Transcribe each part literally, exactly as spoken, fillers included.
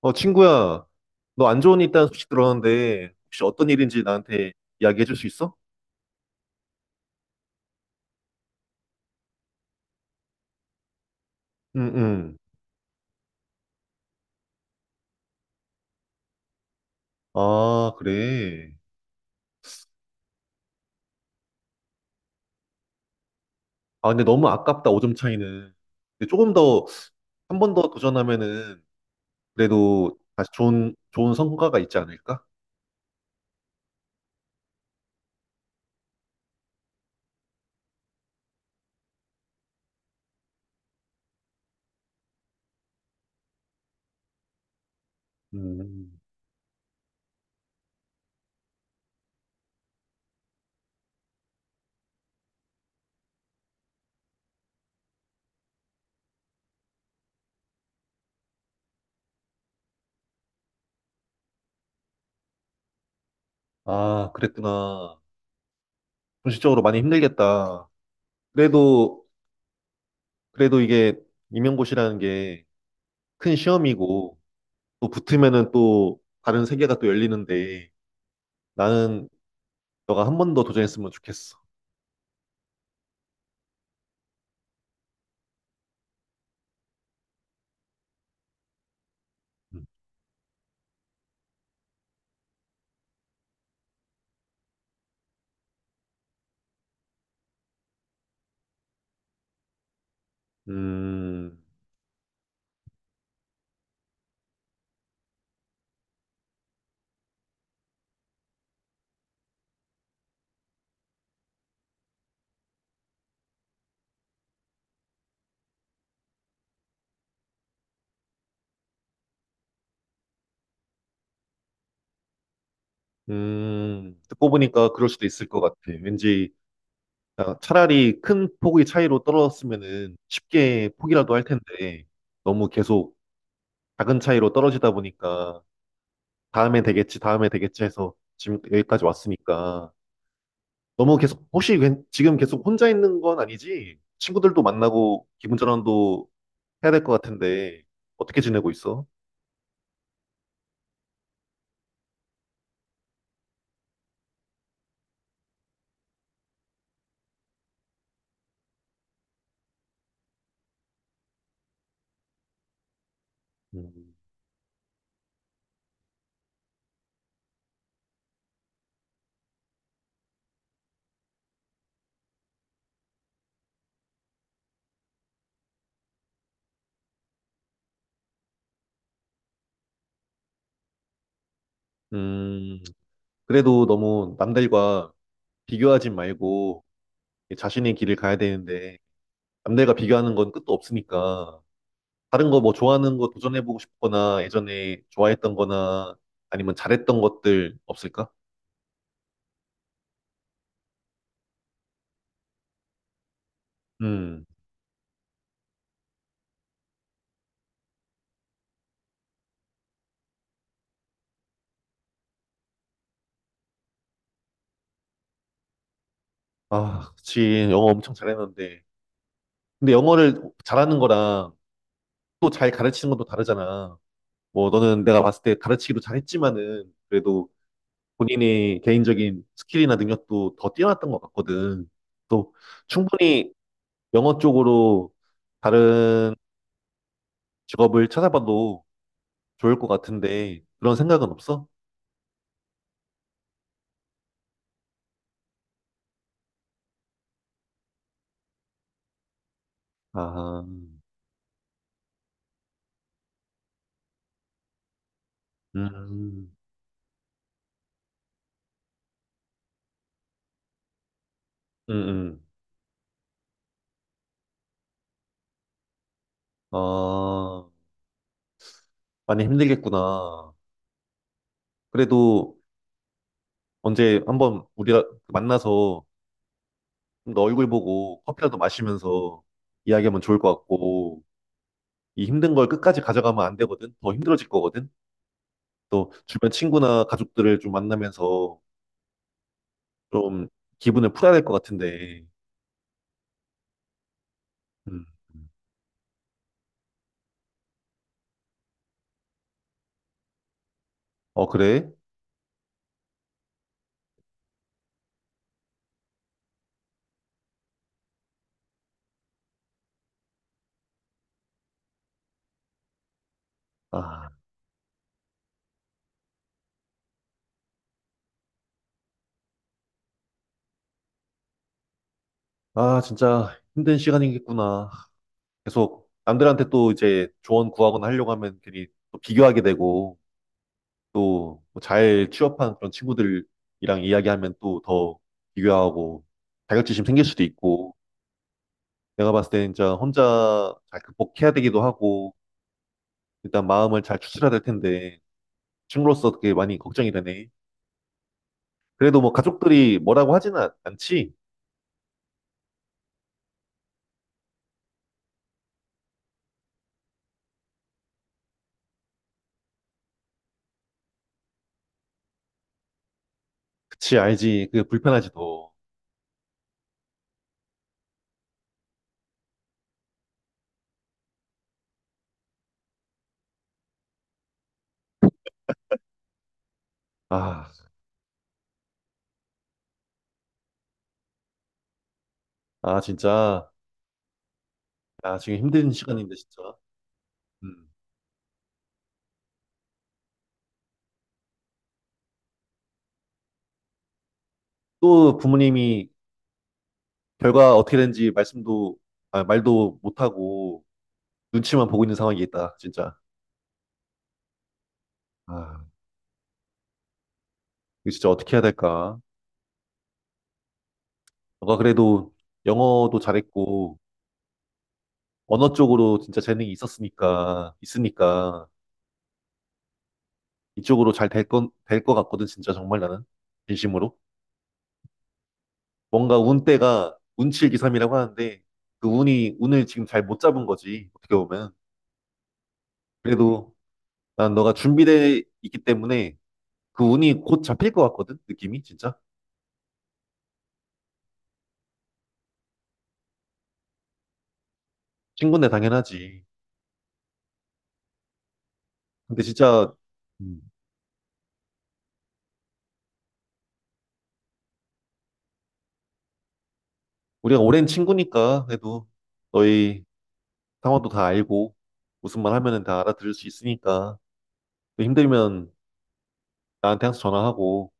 어, 친구야, 너 안 좋은 일 있다는 소식 들었는데, 혹시 어떤 일인지 나한테 이야기해 줄 수 있어? 응, 응. 아, 그래. 아, 근데 너무 아깝다, 오 점 차이는. 근데 조금 더, 한 번 더 도전하면은, 그래도 다시 좋은, 좋은 성과가 있지 않을까? 음. 아, 그랬구나. 정신적으로 많이 힘들겠다. 그래도, 그래도 이게 임용고시라는 게 큰 시험이고, 또 붙으면은 또 다른 세계가 또 열리는데, 나는 너가 한 번 더 도전했으면 좋겠어. 음, 음, 음. 듣고 보니까 그럴 수도 있을 것 같아. 왠지 아, 차라리 큰 폭의 차이로 떨어졌으면은 쉽게 포기라도 할 텐데 너무 계속 작은 차이로 떨어지다 보니까 다음에 되겠지, 다음에 되겠지 해서 지금 여기까지 왔으니까 너무 계속 혹시 웬- 지금 계속 혼자 있는 건 아니지? 친구들도 만나고 기분 전환도 해야 될 것 같은데 어떻게 지내고 있어? 음, 음, 그래도 너무 남들과 비교하지 말고 자신의 길을 가야 되는데 남들과 비교하는 건 끝도 없으니까 다른 거 뭐 좋아하는 거 도전해보고 싶거나 예전에 좋아했던 거나 아니면 잘했던 것들 없을까? 음. 아, 그치. 영어 엄청 잘했는데. 근데 영어를 잘하는 거랑 또 잘 가르치는 것도 다르잖아. 뭐 너는 내가 봤을 때 가르치기도 잘했지만은 그래도 본인의 개인적인 스킬이나 능력도 더 뛰어났던 것 같거든. 또 충분히 영어 쪽으로 다른 직업을 찾아봐도 좋을 것 같은데 그런 생각은 없어? 아, 음, 음, 음. 아, 많이 힘들겠구나. 그래도 언제 한번 우리가 만나서 좀너 얼굴 보고 커피라도 마시면서 이야기하면 좋을 것 같고 이 힘든 걸 끝까지 가져가면 안 되거든. 더 힘들어질 거거든. 또 주변 친구나 가족들을 좀 만나면서 좀 기분을 풀어야 될 것 같은데. 음. 어, 그래? 아, 아, 진짜 힘든 시간이겠구나. 계속 남들한테 또 이제 조언 구하거나 하려고 하면 괜히 또 비교하게 되고 또 뭐 잘 취업한 그런 친구들이랑 이야기하면 또 더 비교하고 자격지심 생길 수도 있고 내가 봤을 때 진짜 혼자 잘 극복해야 되기도 하고 일단 마음을 잘 추스려야 될 텐데 친구로서 그게 많이 걱정이 되네. 그래도 뭐 가족들이 뭐라고 하지는 않- 않지? 그치, 알지. 그게 불편하지도. 아, 아, 진짜. 야, 지금 힘든 시간인데, 진짜. 음. 또 부모님이 결과 어떻게 되는지 말씀도, 아, 말도 못하고 눈치만 보고 있는 상황이 있다 진짜. 아, 이거 진짜 어떻게 해야 될까? 너가 그래도 영어도 잘했고, 언어 쪽으로 진짜 재능이 있었으니까, 있으니까, 이쪽으로 잘 될 건, 될 것 같거든, 진짜 정말 나는. 진심으로. 뭔가 운때가 운칠기삼이라고 하는데, 그 운이, 운을 지금 잘 못 잡은 거지, 어떻게 보면. 그래도 난 너가 준비돼 있기 때문에 그 운이 곧 잡힐 것 같거든, 느낌이, 진짜. 친구인데 당연하지. 근데 진짜, 음, 우리가 오랜 친구니까, 그래도 너희 상황도 다 알고, 무슨 말 하면은 다 알아들을 수 있으니까, 또 힘들면 나한테 항상 전화하고,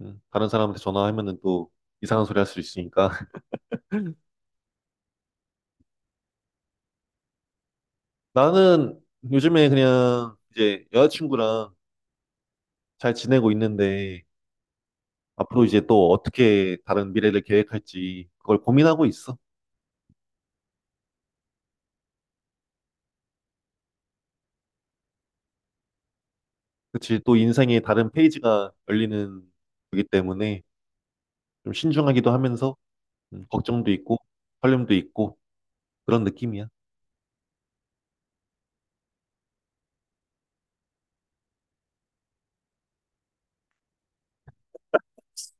음, 다른 사람한테 전화하면은 또 이상한 소리 할 수 있으니까. 나는 요즘에 그냥 이제 여자친구랑 잘 지내고 있는데, 앞으로 이제 또 어떻게 다른 미래를 계획할지, 그걸 고민하고 있어. 그치, 또 인생의 다른 페이지가 열리는 거기 때문에 좀 신중하기도 하면서 음, 걱정도 있고 설렘도 있고 그런 느낌이야.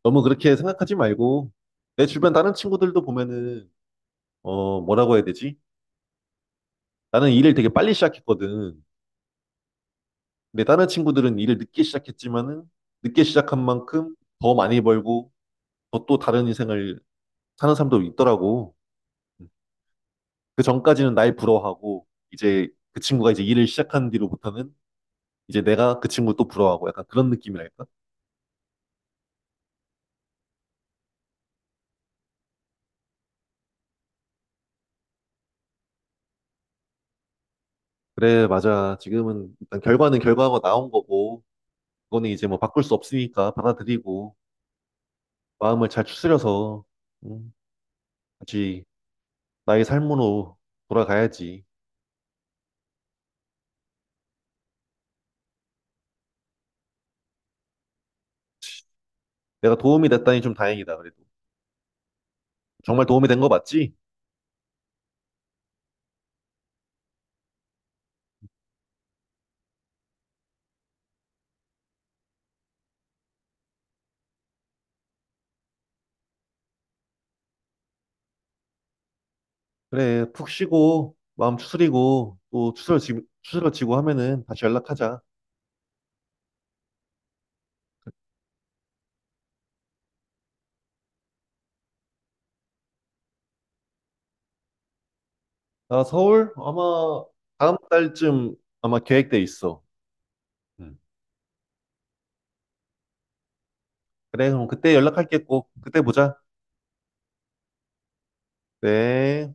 너무 그렇게 생각하지 말고 내 주변 다른 친구들도 보면은 어 뭐라고 해야 되지? 나는 일을 되게 빨리 시작했거든. 근데 다른 친구들은 일을 늦게 시작했지만은 늦게 시작한 만큼 더 많이 벌고 더 또 다른 인생을 사는 사람도 있더라고. 음, 그 전까지는 날 부러워하고 이제 그 친구가 이제 일을 시작한 뒤로부터는 이제 내가 그 친구 또 부러워하고 약간 그런 느낌이랄까? 그래, 맞아. 지금은 일단 결과는 결과가 나온 거고, 그거는 이제 뭐 바꿀 수 없으니까 받아들이고, 마음을 잘 추스려서, 음, 같이 나의 삶으로 돌아가야지. 내가 도움이 됐다니 좀 다행이다, 그래도. 정말 도움이 된 거 맞지? 그래, 푹 쉬고, 마음 추스리고, 또 추스러지, 추스러지고 하면은 다시 연락하자. 나 서울? 아마 다음 달쯤 아마 계획돼 있어. 음. 그래, 그럼 그때 연락할게 꼭. 그때 보자. 네.